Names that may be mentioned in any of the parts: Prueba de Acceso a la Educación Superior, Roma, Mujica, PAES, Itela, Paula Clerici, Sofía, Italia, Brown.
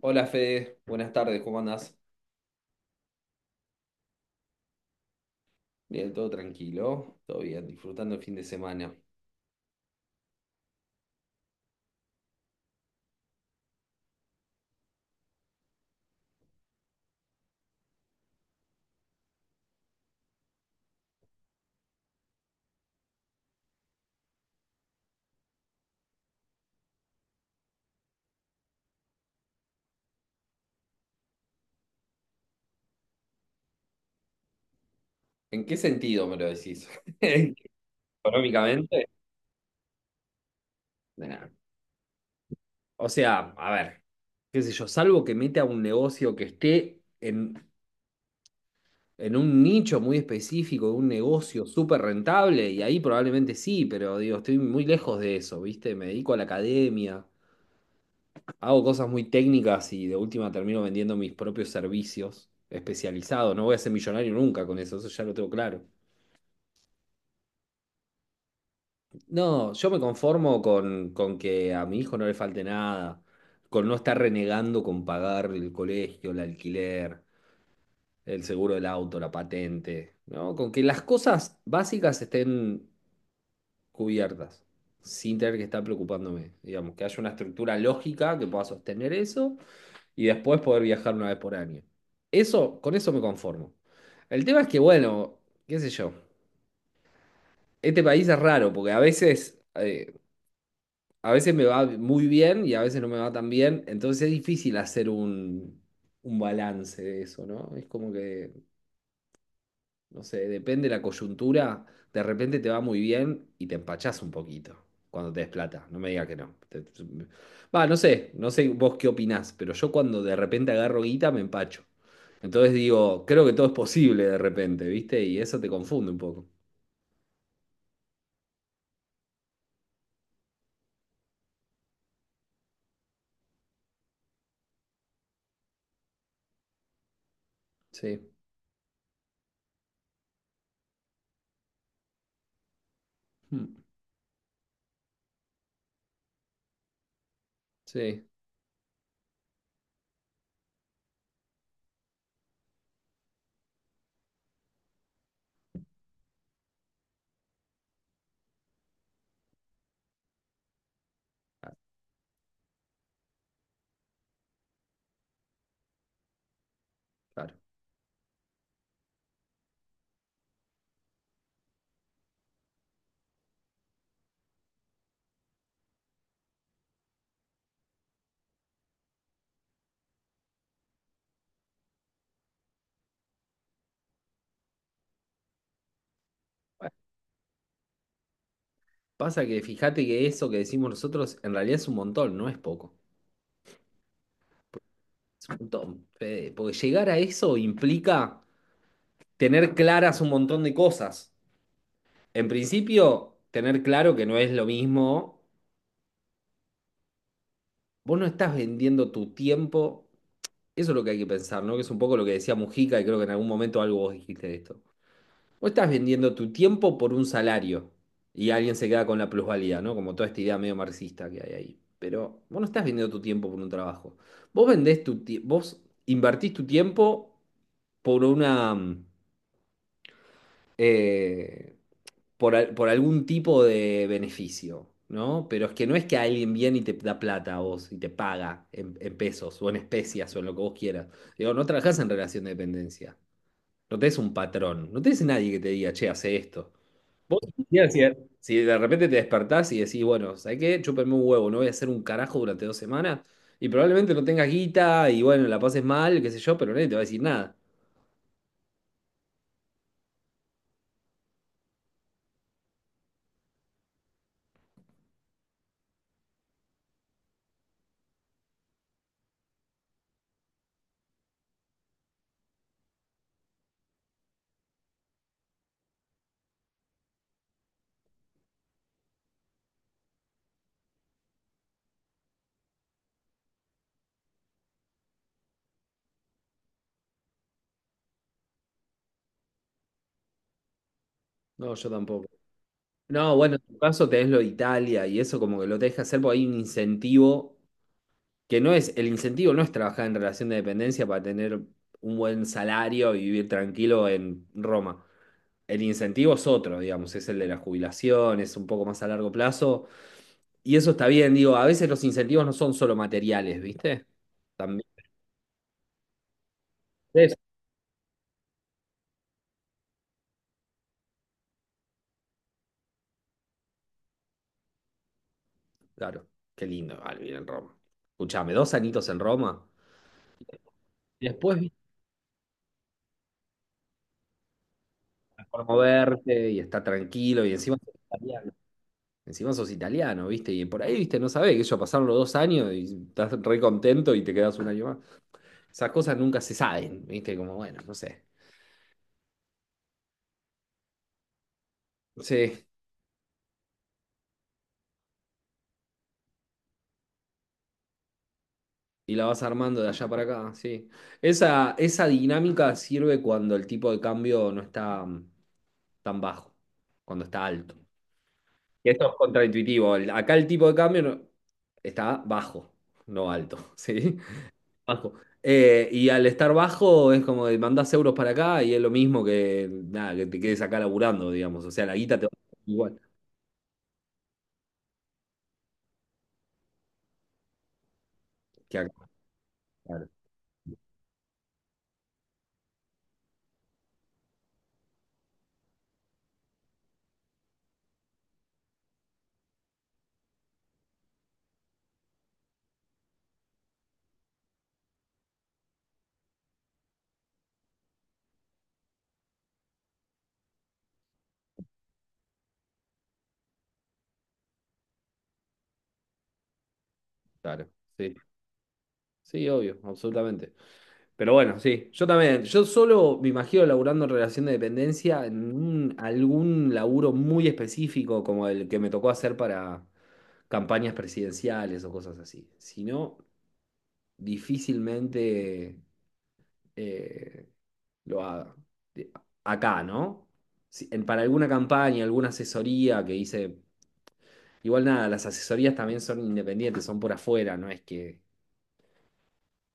Hola Fede, buenas tardes, ¿cómo andás? Bien, todo tranquilo, todo bien, disfrutando el fin de semana. ¿En qué sentido me lo decís? ¿Económicamente? Nah. O sea, a ver, qué sé yo, salvo que meta un negocio que esté en un nicho muy específico, un negocio súper rentable, y ahí probablemente sí, pero digo, estoy muy lejos de eso, ¿viste? Me dedico a la academia, hago cosas muy técnicas y de última termino vendiendo mis propios servicios especializados. No voy a ser millonario nunca con eso, eso ya lo tengo claro. No, yo me conformo con que a mi hijo no le falte nada, con no estar renegando con pagar el colegio, el alquiler, el seguro del auto, la patente, ¿no? Con que las cosas básicas estén cubiertas, sin tener que estar preocupándome, digamos, que haya una estructura lógica que pueda sostener eso y después poder viajar una vez por año. Eso, con eso me conformo. El tema es que, bueno, qué sé yo, este país es raro porque a veces me va muy bien y a veces no me va tan bien, entonces es difícil hacer un balance de eso, ¿no? Es como que, no sé, depende de la coyuntura, de repente te va muy bien y te empachás un poquito cuando te des plata, no me digas que no. Va, no sé, no sé vos qué opinás, pero yo cuando de repente agarro guita me empacho. Entonces digo, creo que todo es posible de repente, ¿viste? Y eso te confunde un poco. Sí. Mm. Sí. Ah, claro. Pasa que fíjate que eso que decimos nosotros en realidad es un montón, no es poco. Es un montón, Fede, porque llegar a eso implica tener claras un montón de cosas. En principio, tener claro que no es lo mismo. Vos no estás vendiendo tu tiempo. Eso es lo que hay que pensar, ¿no? Que es un poco lo que decía Mujica y creo que en algún momento algo vos dijiste de esto. Vos estás vendiendo tu tiempo por un salario y alguien se queda con la plusvalía, ¿no? Como toda esta idea medio marxista que hay ahí. Pero vos no estás vendiendo tu tiempo por un trabajo. Vos invertís tu tiempo por una eh, por, por algún tipo de beneficio, ¿no? Pero es que no es que alguien viene y te da plata a vos y te paga en pesos o en especias o en lo que vos quieras. Digo, no trabajás en relación de dependencia. No tenés un patrón, no tenés nadie que te diga, che, hace esto. Vos imaginás si de repente te despertás y decís, bueno, ¿sabés qué? Chúpenme un huevo, no voy a hacer un carajo durante dos semanas. Y probablemente no tengas guita y bueno, la pases mal, qué sé yo, pero nadie te va a decir nada. No, yo tampoco. No, bueno, en tu caso tenés lo de Italia y eso como que lo te deja hacer porque hay un incentivo que no es, el incentivo no es trabajar en relación de dependencia para tener un buen salario y vivir tranquilo en Roma. El incentivo es otro, digamos, es el de la jubilación, es un poco más a largo plazo. Y eso está bien, digo, a veces los incentivos no son solo materiales, ¿viste? También es, claro, qué lindo igual vivir en Roma. Escuchame, dos anitos en Roma, y después, ¿viste? Para moverte y estar tranquilo y encima... Encima sos italiano, ¿viste? Y por ahí, ¿viste? No sabés, que yo pasaron los dos años y estás re contento y te quedás un año más. Esas cosas nunca se saben, ¿viste? Como, bueno, no sé. Sí, y la vas armando de allá para acá, sí. Esa dinámica sirve cuando el tipo de cambio no está tan bajo, cuando está alto. Y esto es contraintuitivo. Acá el tipo de cambio está bajo, no alto, ¿sí? Bajo. Y al estar bajo es como de mandás euros para acá y es lo mismo que nada, que te quedes acá laburando, digamos. O sea, la guita te va a dar igual que acá. Claro, claro. Sí, sí, obvio, absolutamente. Pero bueno, sí, yo también. Yo solo me imagino laburando en relación de dependencia en algún laburo muy específico como el que me tocó hacer para campañas presidenciales o cosas así. Si no, difícilmente eh, lo haga. De- Acá, ¿no? Para alguna campaña, alguna asesoría que hice. Igual nada, las asesorías también son independientes, son por afuera, no es que.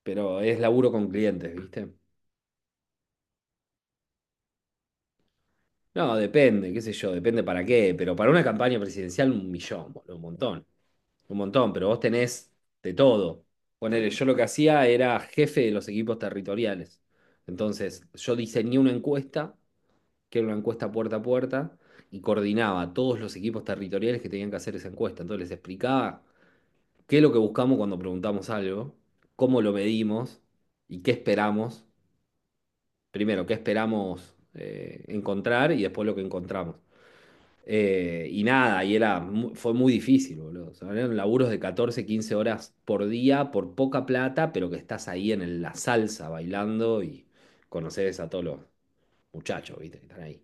Pero es laburo con clientes, ¿viste? No, depende, qué sé yo, depende para qué. Pero para una campaña presidencial, un millón, boludo, un montón. Un montón, pero vos tenés de todo. Ponele, yo lo que hacía era jefe de los equipos territoriales. Entonces, yo diseñé una encuesta que era una encuesta puerta a puerta, y coordinaba a todos los equipos territoriales que tenían que hacer esa encuesta. Entonces les explicaba qué es lo que buscamos cuando preguntamos algo, cómo lo medimos y qué esperamos. Primero, qué esperamos encontrar y después lo que encontramos. Y nada, y era, fue muy difícil, boludo. O sea, eran laburos de 14 15 horas por día, por poca plata, pero que estás ahí en la salsa bailando y conoces a todos los muchachos, ¿viste? Que están ahí.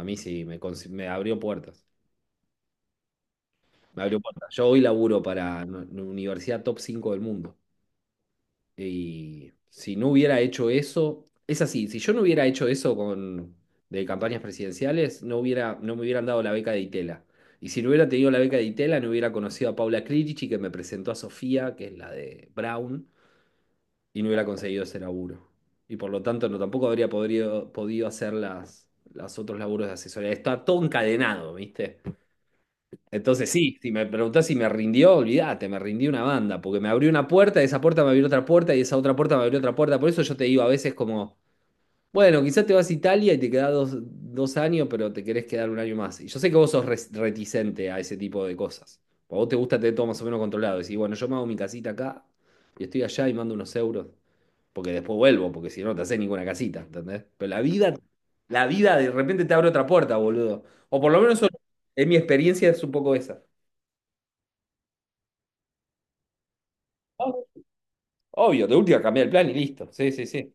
A mí sí, me abrió puertas. Me abrió puertas. Yo hoy laburo para una universidad top 5 del mundo. Y si no hubiera hecho eso, es así, si yo no hubiera hecho eso con, de campañas presidenciales, no hubiera, no me hubieran dado la beca de Itela. Y si no hubiera tenido la beca de Itela, no hubiera conocido a Paula Clerici, que me presentó a Sofía, que es la de Brown, y no hubiera conseguido ese laburo. Y por lo tanto, no, tampoco habría podido hacer las otros laburos de asesoría. Está todo encadenado, ¿viste? Entonces sí, si me preguntás si me rindió, olvídate, me rindió una banda, porque me abrió una puerta, esa puerta me abrió otra puerta y esa otra puerta me abrió otra puerta. Por eso yo te digo a veces como, bueno, quizás te vas a Italia y te quedás dos años, pero te querés quedar un año más. Y yo sé que vos sos reticente a ese tipo de cosas. A vos te gusta tener todo más o menos controlado. Decís, bueno, yo me hago mi casita acá y estoy allá y mando unos euros, porque después vuelvo, porque si no, no te haces ninguna casita, ¿entendés? Pero la vida de repente te abre otra puerta, boludo. O por lo menos eso- en mi experiencia es un poco esa. No, no. Obvio, de última cambiar el plan y listo. Sí, sí, sí.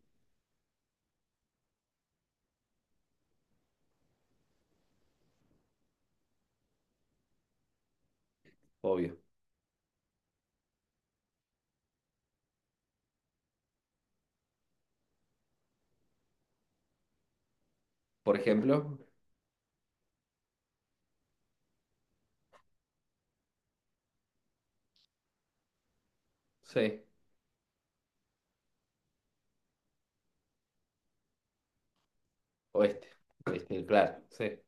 Obvio. Por ejemplo, sí, oeste. Este, claro, sí.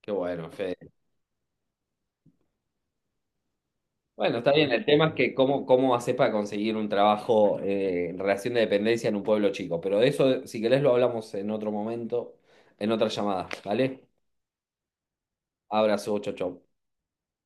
Qué bueno, Fede. Bueno, está bien. El tema es que cómo, cómo haces para conseguir un trabajo en relación de dependencia en un pueblo chico. Pero de eso, si querés, lo hablamos en otro momento, en otra llamada, ¿vale? Abrazo, chau, chau.